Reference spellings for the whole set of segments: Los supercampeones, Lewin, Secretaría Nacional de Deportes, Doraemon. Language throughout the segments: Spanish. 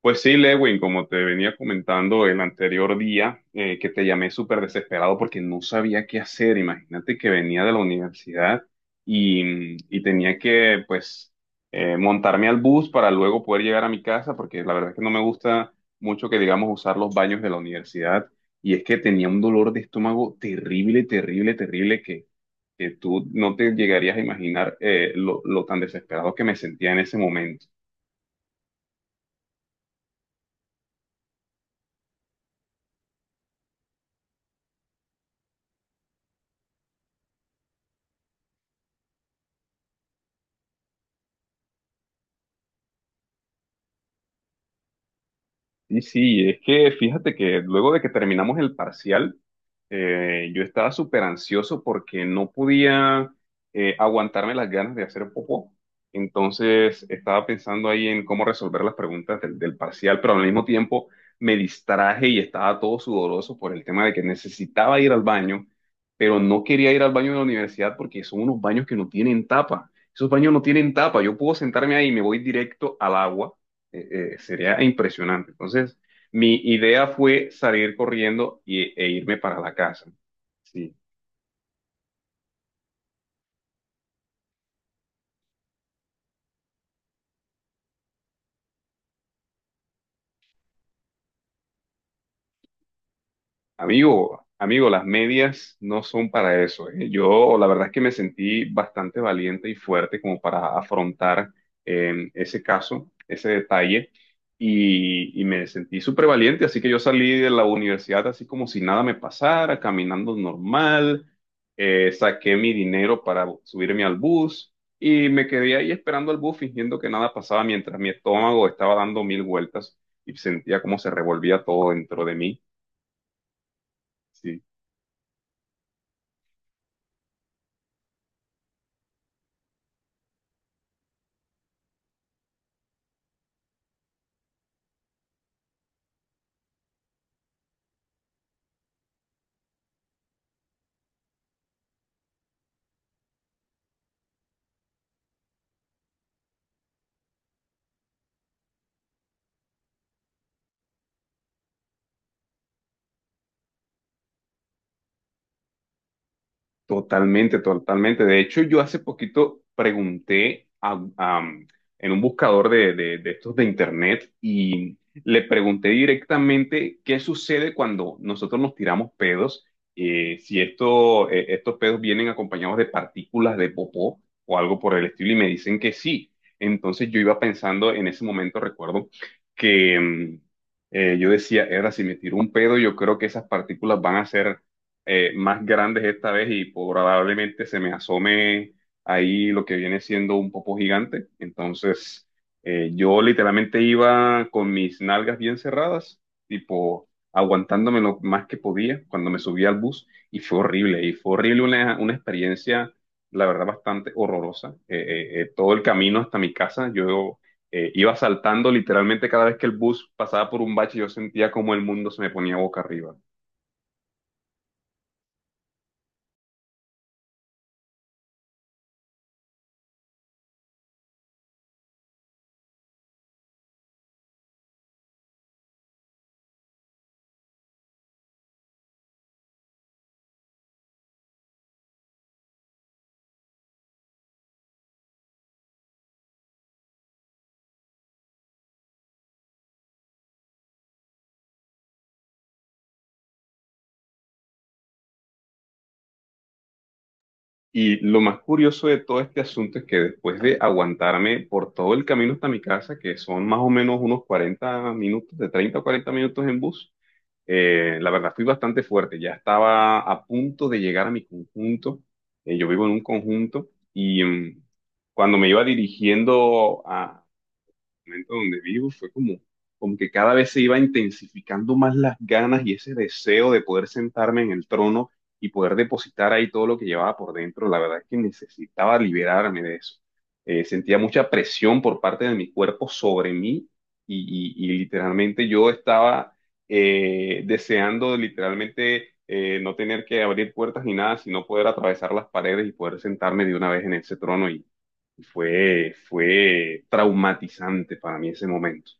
Pues sí, Lewin, como te venía comentando el anterior día, que te llamé súper desesperado porque no sabía qué hacer. Imagínate que venía de la universidad y, y tenía que, pues, montarme al bus para luego poder llegar a mi casa, porque la verdad es que no me gusta mucho que, digamos, usar los baños de la universidad. Y es que tenía un dolor de estómago terrible, terrible, terrible, que tú no te llegarías a imaginar lo tan desesperado que me sentía en ese momento. Y sí, es que fíjate que luego de que terminamos el parcial, yo estaba súper ansioso porque no podía aguantarme las ganas de hacer popó. Entonces estaba pensando ahí en cómo resolver las preguntas del parcial, pero al mismo tiempo me distraje y estaba todo sudoroso por el tema de que necesitaba ir al baño, pero no quería ir al baño de la universidad porque son unos baños que no tienen tapa. Esos baños no tienen tapa. Yo puedo sentarme ahí y me voy directo al agua, sería impresionante. Entonces, mi idea fue salir corriendo e irme para la casa. Sí. Amigo, amigo, las medias no son para eso. ¿Eh? Yo la verdad es que me sentí bastante valiente y fuerte como para afrontar ese caso, ese detalle, y me sentí súper valiente, así que yo salí de la universidad así como si nada me pasara, caminando normal. Saqué mi dinero para subirme al bus y me quedé ahí esperando al bus fingiendo que nada pasaba mientras mi estómago estaba dando mil vueltas y sentía como se revolvía todo dentro de mí. Sí. Totalmente, totalmente. De hecho, yo hace poquito pregunté a, en un buscador de, de estos de internet y le pregunté directamente qué sucede cuando nosotros nos tiramos pedos, si esto, estos pedos vienen acompañados de partículas de popó o algo por el estilo y me dicen que sí. Entonces yo iba pensando en ese momento, recuerdo que yo decía, era si me tiro un pedo, yo creo que esas partículas van a ser más grandes esta vez y probablemente se me asome ahí lo que viene siendo un popo gigante. Entonces, yo literalmente iba con mis nalgas bien cerradas, tipo aguantándome lo más que podía cuando me subía al bus y fue horrible una experiencia, la verdad, bastante horrorosa. Todo el camino hasta mi casa, yo... iba saltando literalmente cada vez que el bus pasaba por un bache, yo sentía como el mundo se me ponía boca arriba. Y lo más curioso de todo este asunto es que después de aguantarme por todo el camino hasta mi casa, que son más o menos unos 40 minutos, de 30 a 40 minutos en bus, la verdad fui bastante fuerte. Ya estaba a punto de llegar a mi conjunto. Yo vivo en un conjunto y cuando me iba dirigiendo a, momento donde vivo fue como, como que cada vez se iba intensificando más las ganas y ese deseo de poder sentarme en el trono y poder depositar ahí todo lo que llevaba por dentro. La verdad es que necesitaba liberarme de eso. Sentía mucha presión por parte de mi cuerpo sobre mí y, y literalmente yo estaba deseando literalmente no tener que abrir puertas ni nada, sino poder atravesar las paredes y poder sentarme de una vez en ese trono y fue, fue traumatizante para mí ese momento.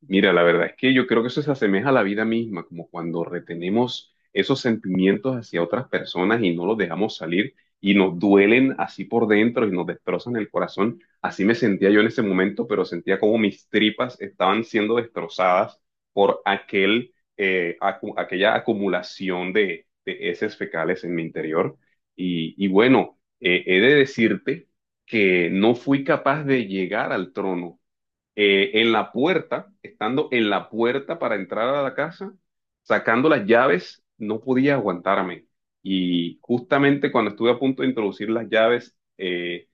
Mira, la verdad es que yo creo que eso se asemeja a la vida misma, como cuando retenemos esos sentimientos hacia otras personas y no los dejamos salir y nos duelen así por dentro y nos destrozan el corazón. Así me sentía yo en ese momento, pero sentía como mis tripas estaban siendo destrozadas por aquel, aquella acumulación de heces fecales en mi interior. Y bueno, he de decirte que no fui capaz de llegar al trono, en la puerta, estando en la puerta para entrar a la casa, sacando las llaves, no podía aguantarme. Y justamente cuando estuve a punto de introducir las llaves,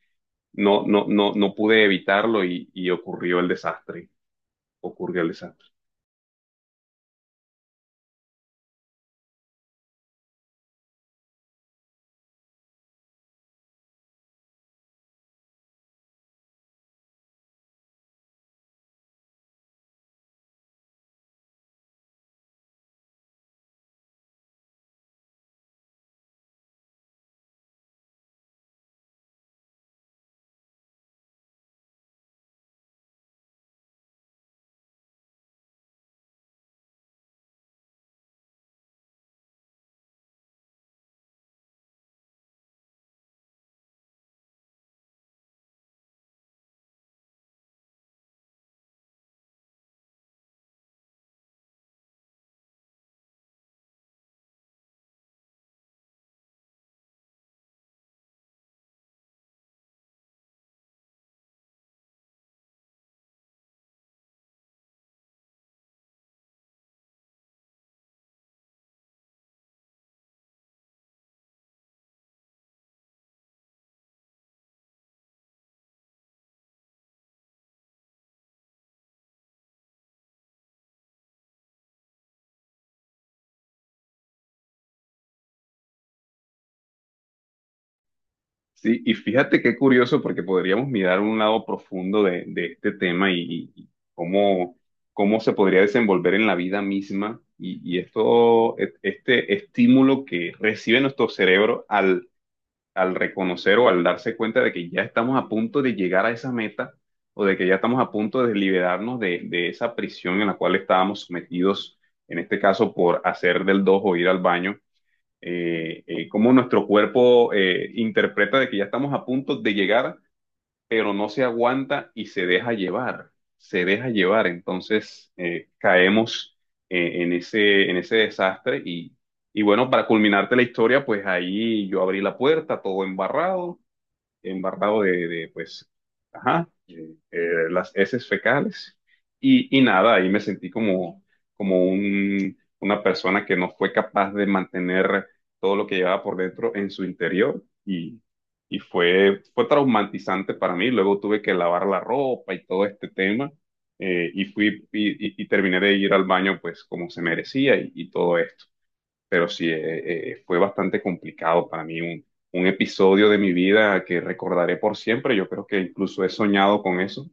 no, no, no, no pude evitarlo y ocurrió el desastre. Ocurrió el desastre. Sí, y fíjate qué curioso, porque podríamos mirar un lado profundo de este tema y cómo, cómo se podría desenvolver en la vida misma y esto, este estímulo que recibe nuestro cerebro al, al reconocer o al darse cuenta de que ya estamos a punto de llegar a esa meta o de que ya estamos a punto de liberarnos de esa prisión en la cual estábamos sometidos, en este caso por hacer del dos o ir al baño. Cómo nuestro cuerpo interpreta de que ya estamos a punto de llegar, pero no se aguanta y se deja llevar, se deja llevar. Entonces caemos en ese desastre y bueno, para culminarte la historia, pues ahí yo abrí la puerta, todo embarrado, embarrado de, pues, ajá, las heces fecales. Y nada, ahí me sentí como, como un, una persona que no fue capaz de mantener todo lo que llevaba por dentro en su interior. Y fue, fue traumatizante para mí. Luego tuve que lavar la ropa y todo este tema. Y fui y, y terminé de ir al baño pues como se merecía y todo esto, pero sí, fue bastante complicado para mí, un episodio de mi vida que recordaré por siempre, yo creo que incluso he soñado con eso,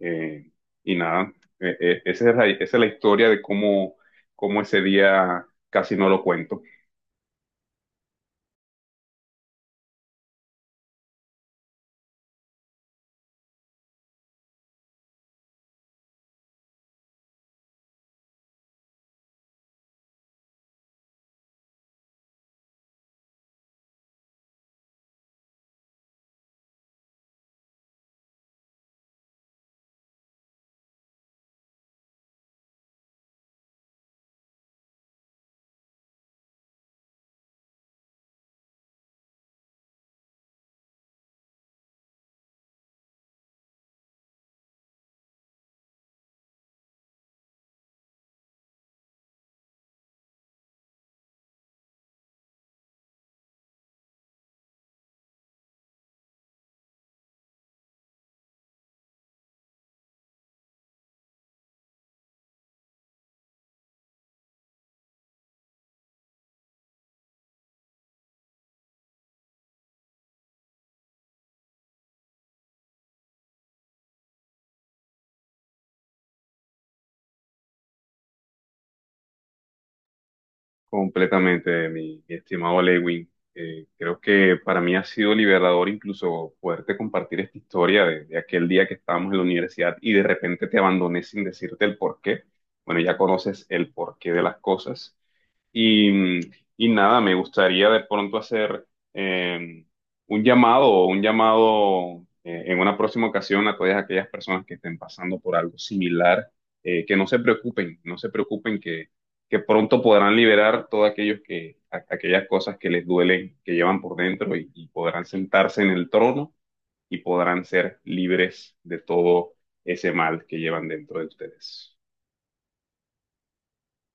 eh, y nada, esa es la historia de cómo, cómo ese día casi no lo cuento completamente, mi estimado Lewin. Creo que para mí ha sido liberador incluso poderte compartir esta historia de aquel día que estábamos en la universidad y de repente te abandoné sin decirte el porqué. Bueno, ya conoces el porqué de las cosas. Y, y nada, me gustaría de pronto hacer eh, un llamado o un llamado en una próxima ocasión a todas aquellas personas que estén pasando por algo similar, que no se preocupen, no se preocupen que pronto podrán liberar todas aquellos que, aquellas cosas que les duelen, que llevan por dentro y podrán sentarse en el trono y podrán ser libres de todo ese mal que llevan dentro de ustedes.